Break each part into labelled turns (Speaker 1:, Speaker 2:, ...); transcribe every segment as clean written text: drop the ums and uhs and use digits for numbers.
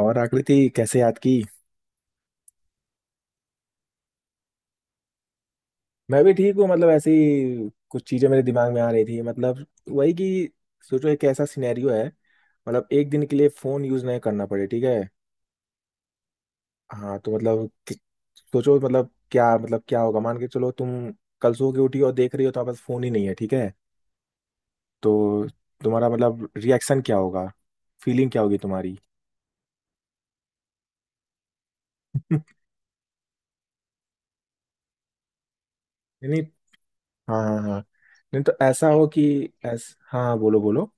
Speaker 1: और आकृति कैसे याद की। मैं भी ठीक हूँ। मतलब ऐसे ही कुछ चीजें मेरे दिमाग में आ रही थी। मतलब वही कि सोचो, एक ऐसा सिनेरियो है। मतलब एक दिन के लिए फोन यूज नहीं करना पड़े, ठीक है। हाँ, तो मतलब सोचो मतलब क्या, मतलब क्या होगा। मान के चलो तुम कल सो के उठी और देख रही हो तो पास फोन ही नहीं है, ठीक है। तो तुम्हारा मतलब रिएक्शन क्या होगा? फीलिंग क्या होगी तुम्हारी? नहीं नहीं। हाँ हाँ हाँ। नहीं तो ऐसा हो कि ऐस हाँ हाँ, बोलो बोलो।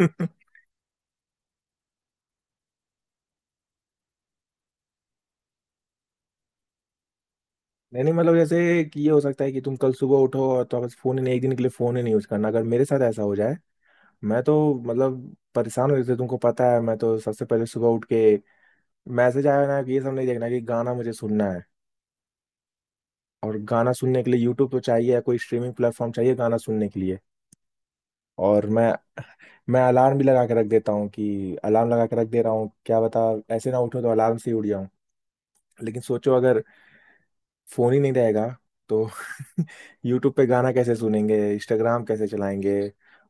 Speaker 1: हाँ। नहीं नहीं, मतलब जैसे कि ये हो सकता है कि तुम कल सुबह उठो और तो बस फोन ही नहीं, एक दिन के लिए फोन ही नहीं यूज करना। अगर मेरे साथ ऐसा हो जाए, मैं तो मतलब परेशान हो जाते। तुमको पता है, मैं तो सबसे पहले सुबह उठ के मैसेज आया ना कि ये सब नहीं देखना, कि गाना मुझे सुनना है। और गाना सुनने के लिए यूट्यूब तो चाहिए, या कोई स्ट्रीमिंग प्लेटफॉर्म चाहिए गाना सुनने के लिए। और मैं अलार्म भी लगा के रख देता हूँ, कि अलार्म लगा के रख दे रहा हूँ क्या बता। ऐसे ना उठूँ तो अलार्म से ही उठ जाऊँ। लेकिन सोचो अगर फोन ही नहीं रहेगा तो यूट्यूब पे गाना कैसे सुनेंगे? इंस्टाग्राम कैसे चलाएंगे?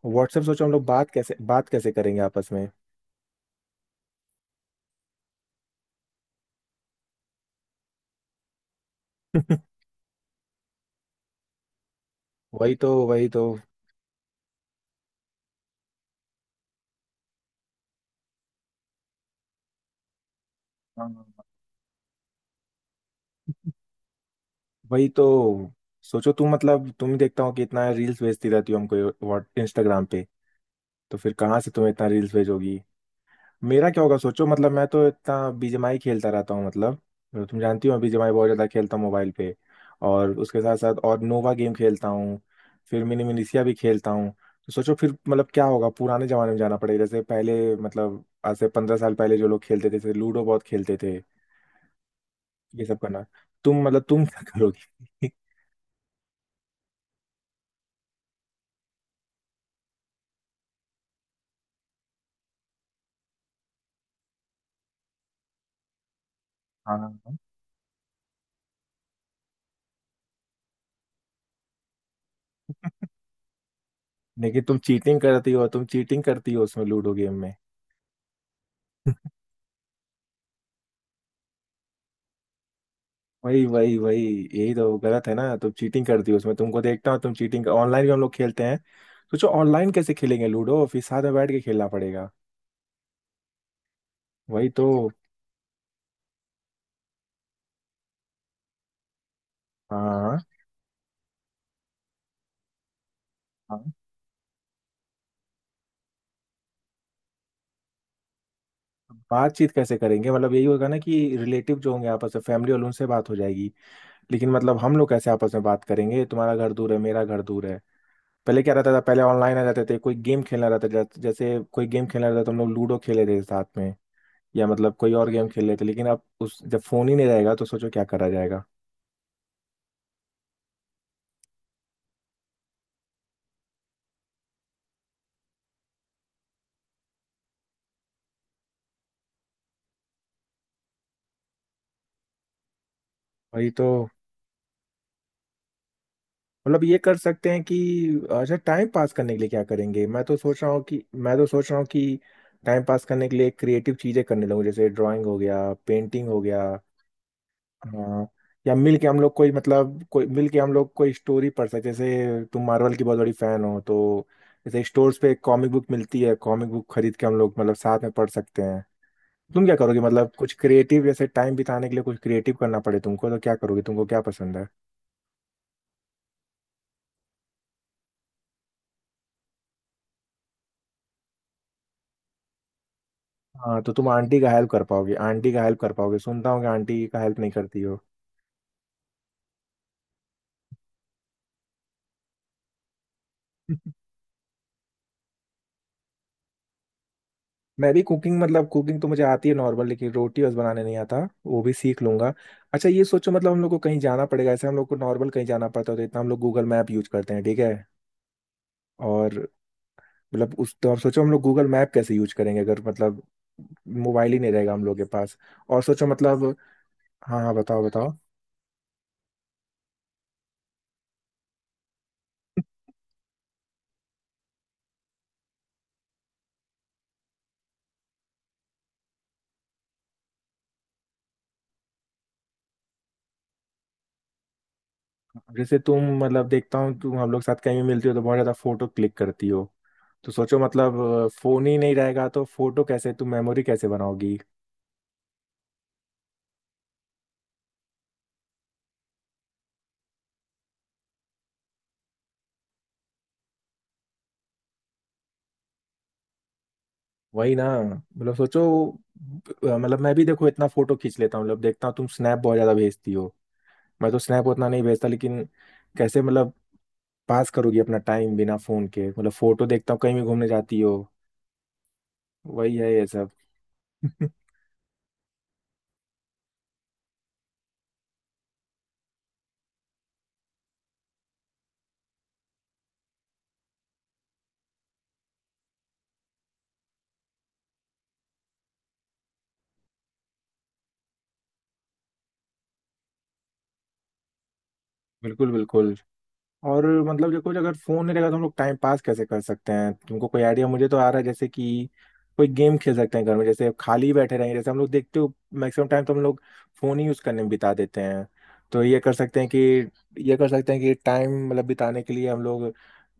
Speaker 1: व्हाट्सएप, सोचो हम लोग बात कैसे करेंगे आपस में? वही तो वही तो। हाँ। वही तो। सोचो तुम मतलब तुम ही देखता हो कि इतना रील्स भेजती रहती हो हमको, व्हाट इंस्टाग्राम पे। तो फिर कहाँ से तुम्हें इतना रील्स भेजोगी? मेरा क्या होगा सोचो, मतलब मैं तो इतना बीजीएमआई खेलता रहता हूँ, मतलब। तो तुम जानती हो, मैं बीजीएमआई बहुत ज़्यादा खेलता हूँ मोबाइल पे। और उसके साथ साथ और नोवा गेम खेलता हूँ। फिर मिनी मिनीसिया भी खेलता हूँ। तो सोचो फिर मतलब क्या होगा? पुराने ज़माने में जाना पड़ेगा, जैसे पहले मतलब आज से 15 साल पहले जो लोग खेलते थे, जैसे लूडो बहुत खेलते थे। ये सब करना। तुम मतलब तुम क्या करोगी? हाँ। लेकिन तुम चीटिंग करती हो, तुम चीटिंग करती हो उसमें, लूडो गेम में। वही वही वही। यही तो गलत है ना, तुम चीटिंग करती हो उसमें, तुमको देखता हूँ, तुम चीटिंग ऑनलाइन भी हम लोग खेलते हैं। सोचो ऑनलाइन कैसे खेलेंगे लूडो? फिर साथ में बैठ के खेलना पड़ेगा। वही तो। हाँ हाँ। बातचीत कैसे करेंगे? मतलब यही होगा ना कि रिलेटिव जो होंगे आपस में, फैमिली वालों, उनसे बात हो जाएगी। लेकिन मतलब हम लोग कैसे आपस में बात करेंगे? तुम्हारा घर दूर है, मेरा घर दूर है। पहले क्या रहता था, पहले ऑनलाइन आ जाते थे, कोई गेम खेलना रहता था। जैसे जैसे कोई गेम खेलना रहता था तो हम लोग लूडो खेले थे साथ में, या मतलब कोई और गेम खेल लेते। लेकिन अब उस जब फोन ही नहीं रहेगा तो सोचो क्या करा जाएगा। वही तो। मतलब ये कर सकते हैं कि अच्छा टाइम पास करने के लिए क्या करेंगे? मैं तो सोच रहा हूँ कि टाइम पास करने के लिए क्रिएटिव चीजें करने लगूँ, जैसे ड्राइंग हो गया, पेंटिंग हो गया। हाँ। या मिल के हम लोग कोई, मतलब कोई मिल के हम लोग कोई स्टोरी पढ़ सकते हैं, जैसे तुम मार्वल की बहुत बड़ी फैन हो तो, जैसे स्टोर्स पे कॉमिक बुक मिलती है, कॉमिक बुक खरीद के हम लोग मतलब साथ में पढ़ सकते हैं। तुम क्या करोगे, मतलब कुछ क्रिएटिव, जैसे टाइम बिताने के लिए कुछ क्रिएटिव करना पड़े तुमको तो क्या करोगे? तुमको क्या पसंद है? हाँ तो तुम आंटी का हेल्प कर पाओगे, आंटी का हेल्प कर पाओगे, सुनता हूँ कि आंटी का हेल्प नहीं करती हो। मैं भी कुकिंग, मतलब कुकिंग तो मुझे आती है नॉर्मल, लेकिन रोटी बस बनाने नहीं आता। वो भी सीख लूंगा। अच्छा ये सोचो, मतलब हम लोग को कहीं जाना पड़ेगा, ऐसे हम लोग को नॉर्मल कहीं जाना पड़ता है तो इतना हम लोग गूगल मैप यूज करते हैं, ठीक है। और मतलब उस तो आप सोचो हम लोग गूगल मैप कैसे यूज करेंगे अगर मतलब मोबाइल ही नहीं रहेगा हम लोग के पास। और सोचो मतलब। हाँ हाँ, बताओ बताओ। जैसे तुम मतलब देखता हूँ तुम, हम लोग साथ कहीं भी मिलती हो तो बहुत ज्यादा फोटो क्लिक करती हो। तो सोचो मतलब फोन ही नहीं रहेगा तो फोटो कैसे तुम मेमोरी कैसे बनाओगी? वही ना, मतलब सोचो। मतलब मैं भी देखो इतना फोटो खींच लेता हूँ, मतलब देखता हूँ तुम स्नैप बहुत ज्यादा भेजती हो, मैं तो स्नैप उतना नहीं भेजता। लेकिन कैसे मतलब पास करोगी अपना टाइम बिना फोन के? मतलब फोटो देखता हूँ कहीं भी घूमने जाती हो, वही है ये सब। बिल्कुल बिल्कुल। और मतलब देखो अगर फोन नहीं रहेगा तो हम लोग टाइम पास कैसे कर सकते हैं? तुमको कोई आइडिया? मुझे तो आ रहा है जैसे कि कोई गेम खेल सकते हैं घर में, जैसे खाली बैठे रहेंगे। जैसे हम लोग देखते हो मैक्सिमम टाइम तो हम लोग फोन ही यूज करने में बिता देते हैं। तो ये कर सकते हैं कि टाइम मतलब बिताने के लिए हम लोग,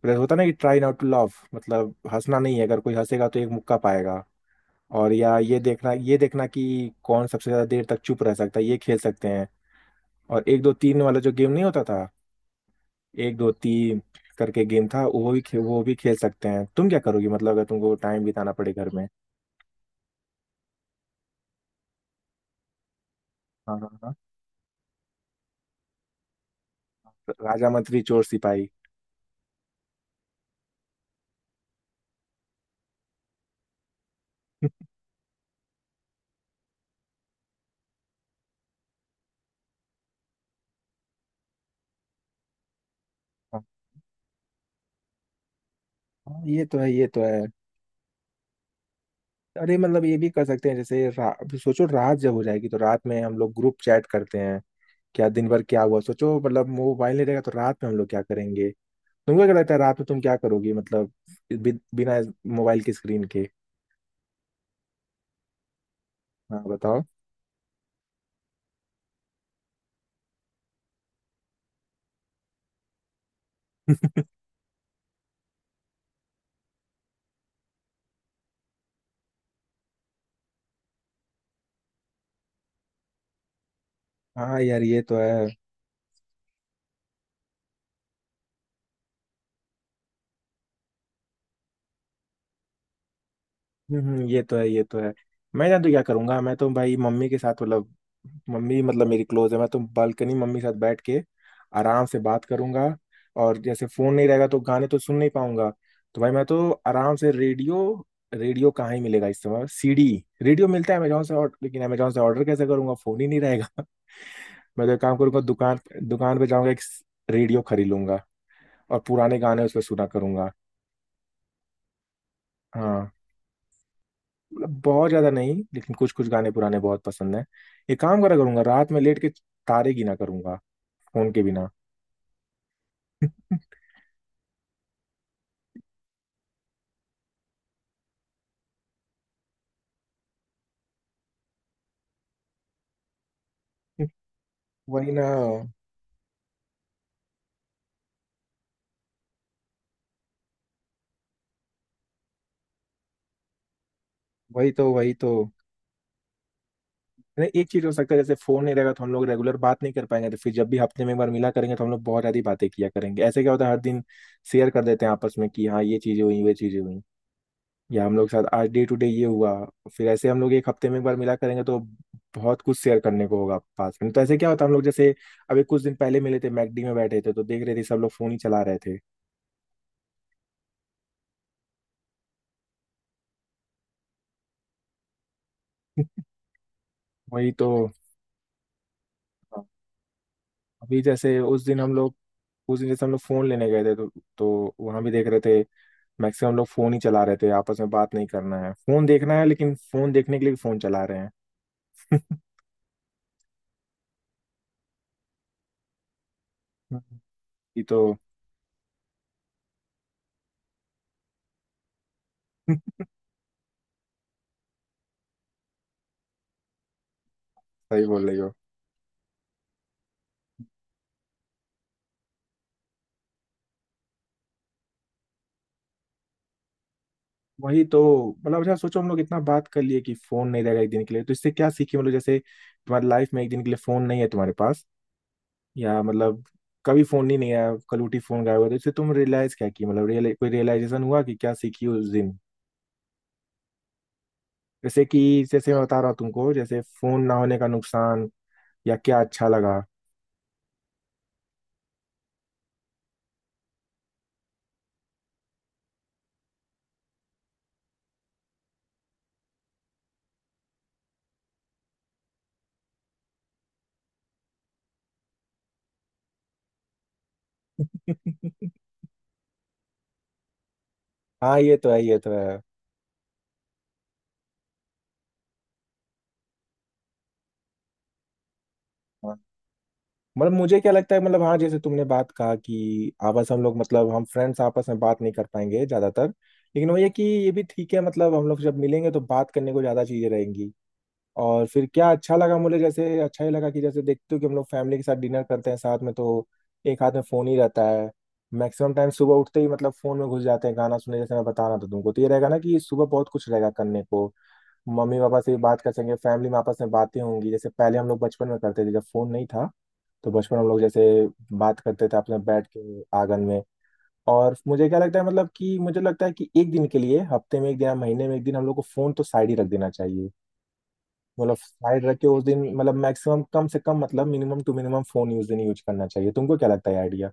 Speaker 1: जैसे होता है ना कि ट्राई नॉट टू laugh, मतलब हंसना नहीं है, अगर कोई हंसेगा तो एक मुक्का पाएगा। और या ये देखना कि कौन सबसे ज्यादा देर तक चुप रह सकता है, ये खेल सकते हैं। और एक दो तीन वाला जो गेम नहीं होता था, एक दो तीन करके गेम था वो भी खेल सकते हैं। तुम क्या करोगी मतलब अगर तुमको टाइम बिताना पड़े घर में? हाँ हाँ हाँ, राजा मंत्री चोर सिपाही। हाँ हाँ, ये तो है, ये तो है। अरे, मतलब ये भी कर सकते हैं जैसे सोचो रात जब हो जाएगी तो रात में हम लोग ग्रुप चैट करते हैं क्या दिन भर क्या हुआ। सोचो मतलब मोबाइल नहीं रहेगा तो रात में हम लोग क्या करेंगे? तुमको क्या लगता है रात में तुम क्या करोगी मतलब बिना मोबाइल की स्क्रीन के? हाँ बताओ। हाँ यार, ये तो है। हम्म, ये तो है, ये तो है। मैं जान तो क्या करूंगा, मैं तो भाई मम्मी के साथ मतलब, मम्मी मतलब मेरी क्लोज है, मैं तो बालकनी मम्मी के साथ बैठ के आराम से बात करूंगा। और जैसे फोन नहीं रहेगा तो गाने तो सुन नहीं पाऊंगा, तो भाई मैं तो आराम से रेडियो, रेडियो कहाँ ही मिलेगा इस समय? सीडी। रेडियो मिलता है अमेजोन से, और लेकिन अमेजोन से ऑर्डर कैसे करूंगा, फोन ही नहीं रहेगा। मैं तो एक काम करूंगा, दुकान, दुकान पे जाऊंगा, एक रेडियो खरीद लूंगा, और पुराने गाने उस पर सुना करूंगा। हाँ। मतलब बहुत ज्यादा नहीं, लेकिन कुछ कुछ गाने पुराने बहुत पसंद है। एक काम करा करूंगा, रात में लेट के तारे गिना करूंगा, फोन के बिना। वही ना, वही तो वही तो। नहीं, एक चीज हो सकता है, जैसे फोन नहीं रहेगा तो हम लोग रेगुलर बात नहीं कर पाएंगे, तो फिर जब भी हफ्ते में एक बार मिला करेंगे तो हम लोग बहुत ज्यादा ही बातें किया करेंगे। ऐसे क्या होता है, हर दिन शेयर कर देते हैं आपस में कि हाँ ये चीजें हुई वे चीजें हुई। या हम लोग साथ आज डे टू डे ये हुआ, फिर ऐसे हम लोग एक हफ्ते में एक बार मिला करेंगे तो बहुत कुछ शेयर करने को होगा पास में। तो ऐसे क्या होता है, हम लोग जैसे अभी कुछ दिन पहले मिले थे, मैकडी में बैठे थे तो देख रहे थे सब लोग फोन ही चला रहे थे। वही तो। हाँ, अभी जैसे उस दिन हम लोग, उस दिन जैसे हम लोग फोन लेने गए थे तो वहां भी देख रहे थे, मैक्सिमम लोग फोन ही चला रहे थे। आपस में बात नहीं करना है, फोन देखना है, लेकिन फोन देखने के लिए फोन चला रहे हैं। हम्म। ये तो। सही बोल रही हो, वही तो। मतलब अच्छा सोचो, हम लोग इतना बात कर लिए कि फोन नहीं रहेगा एक दिन के लिए, तो इससे क्या सीखी? मतलब जैसे तुम्हारी लाइफ में एक दिन के लिए फोन नहीं है तुम्हारे पास, या मतलब कभी फोन नहीं नहीं आया, कल उठी फोन गायब हुआ, तो इससे तुम रियलाइज क्या की, मतलब रियल कोई रियलाइजेशन हुआ कि क्या सीखी उस दिन? जैसे कि जैसे मैं बता रहा हूँ तुमको, जैसे फोन ना होने का नुकसान या क्या अच्छा लगा। हाँ ये तो है, ये तो है। मतलब मुझे क्या लगता है, मतलब हाँ जैसे तुमने बात कहा कि आपस हम लोग, मतलब हम फ्रेंड्स आपस में बात नहीं कर पाएंगे ज्यादातर, लेकिन वो ये कि ये भी ठीक है, मतलब हम लोग जब मिलेंगे तो बात करने को ज्यादा चीजें रहेंगी। और फिर क्या अच्छा लगा मुझे, जैसे अच्छा ही लगा कि जैसे देखते हो कि हम लोग फैमिली के साथ डिनर करते हैं साथ में तो एक हाथ में फोन ही रहता है। मैक्सिमम टाइम सुबह उठते ही मतलब फोन में घुस जाते हैं गाना सुनने, जैसे मैं बता रहा था तुमको, तो ये रहेगा ना कि सुबह बहुत कुछ रहेगा करने को। मम्मी पापा से भी बात कर सकेंगे, फैमिली में आपस में बातें होंगी जैसे पहले हम लोग बचपन में करते थे जब फोन नहीं था। तो बचपन में हम लोग जैसे बात करते थे आपस में बैठ के आंगन में। और मुझे क्या लगता है, मतलब कि मुझे लगता है कि एक दिन के लिए, हफ्ते में एक दिन या महीने में एक दिन, हम लोग को फोन तो साइड ही रख देना चाहिए। मतलब साइड रख के उस दिन मतलब मैक्सिमम कम से कम, मतलब मिनिमम टू मिनिमम फोन उस दिन यूज करना चाहिए, तुमको क्या लगता है आइडिया?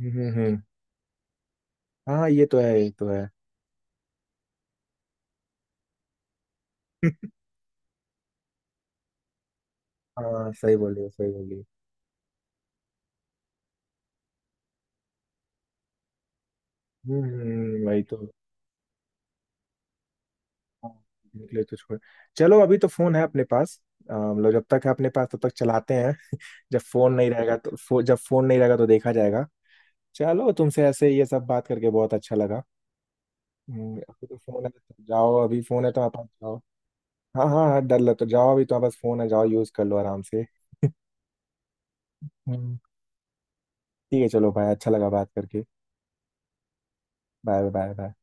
Speaker 1: हम्म हम्म हम्म। हाँ ये तो है, ये तो है। हाँ सही बोलिए सही बोलिए। वही तो। हाँ, निकले तो छोड़, चलो अभी तो फोन है अपने पास। मतलब जब तक है अपने पास तब तक चलाते हैं। जब फोन नहीं रहेगा तो देखा जाएगा। चलो, तुमसे ऐसे ये सब बात करके बहुत अच्छा लगा। अभी तो फोन है तो जाओ, अभी फोन है तो आप जाओ। हाँ हाँ हाँ, डर लग, तो जाओ, अभी तो आप बस फोन है, जाओ यूज कर लो आराम से। हम्म, ठीक है चलो भाई, अच्छा लगा बात करके। Bye bye bye.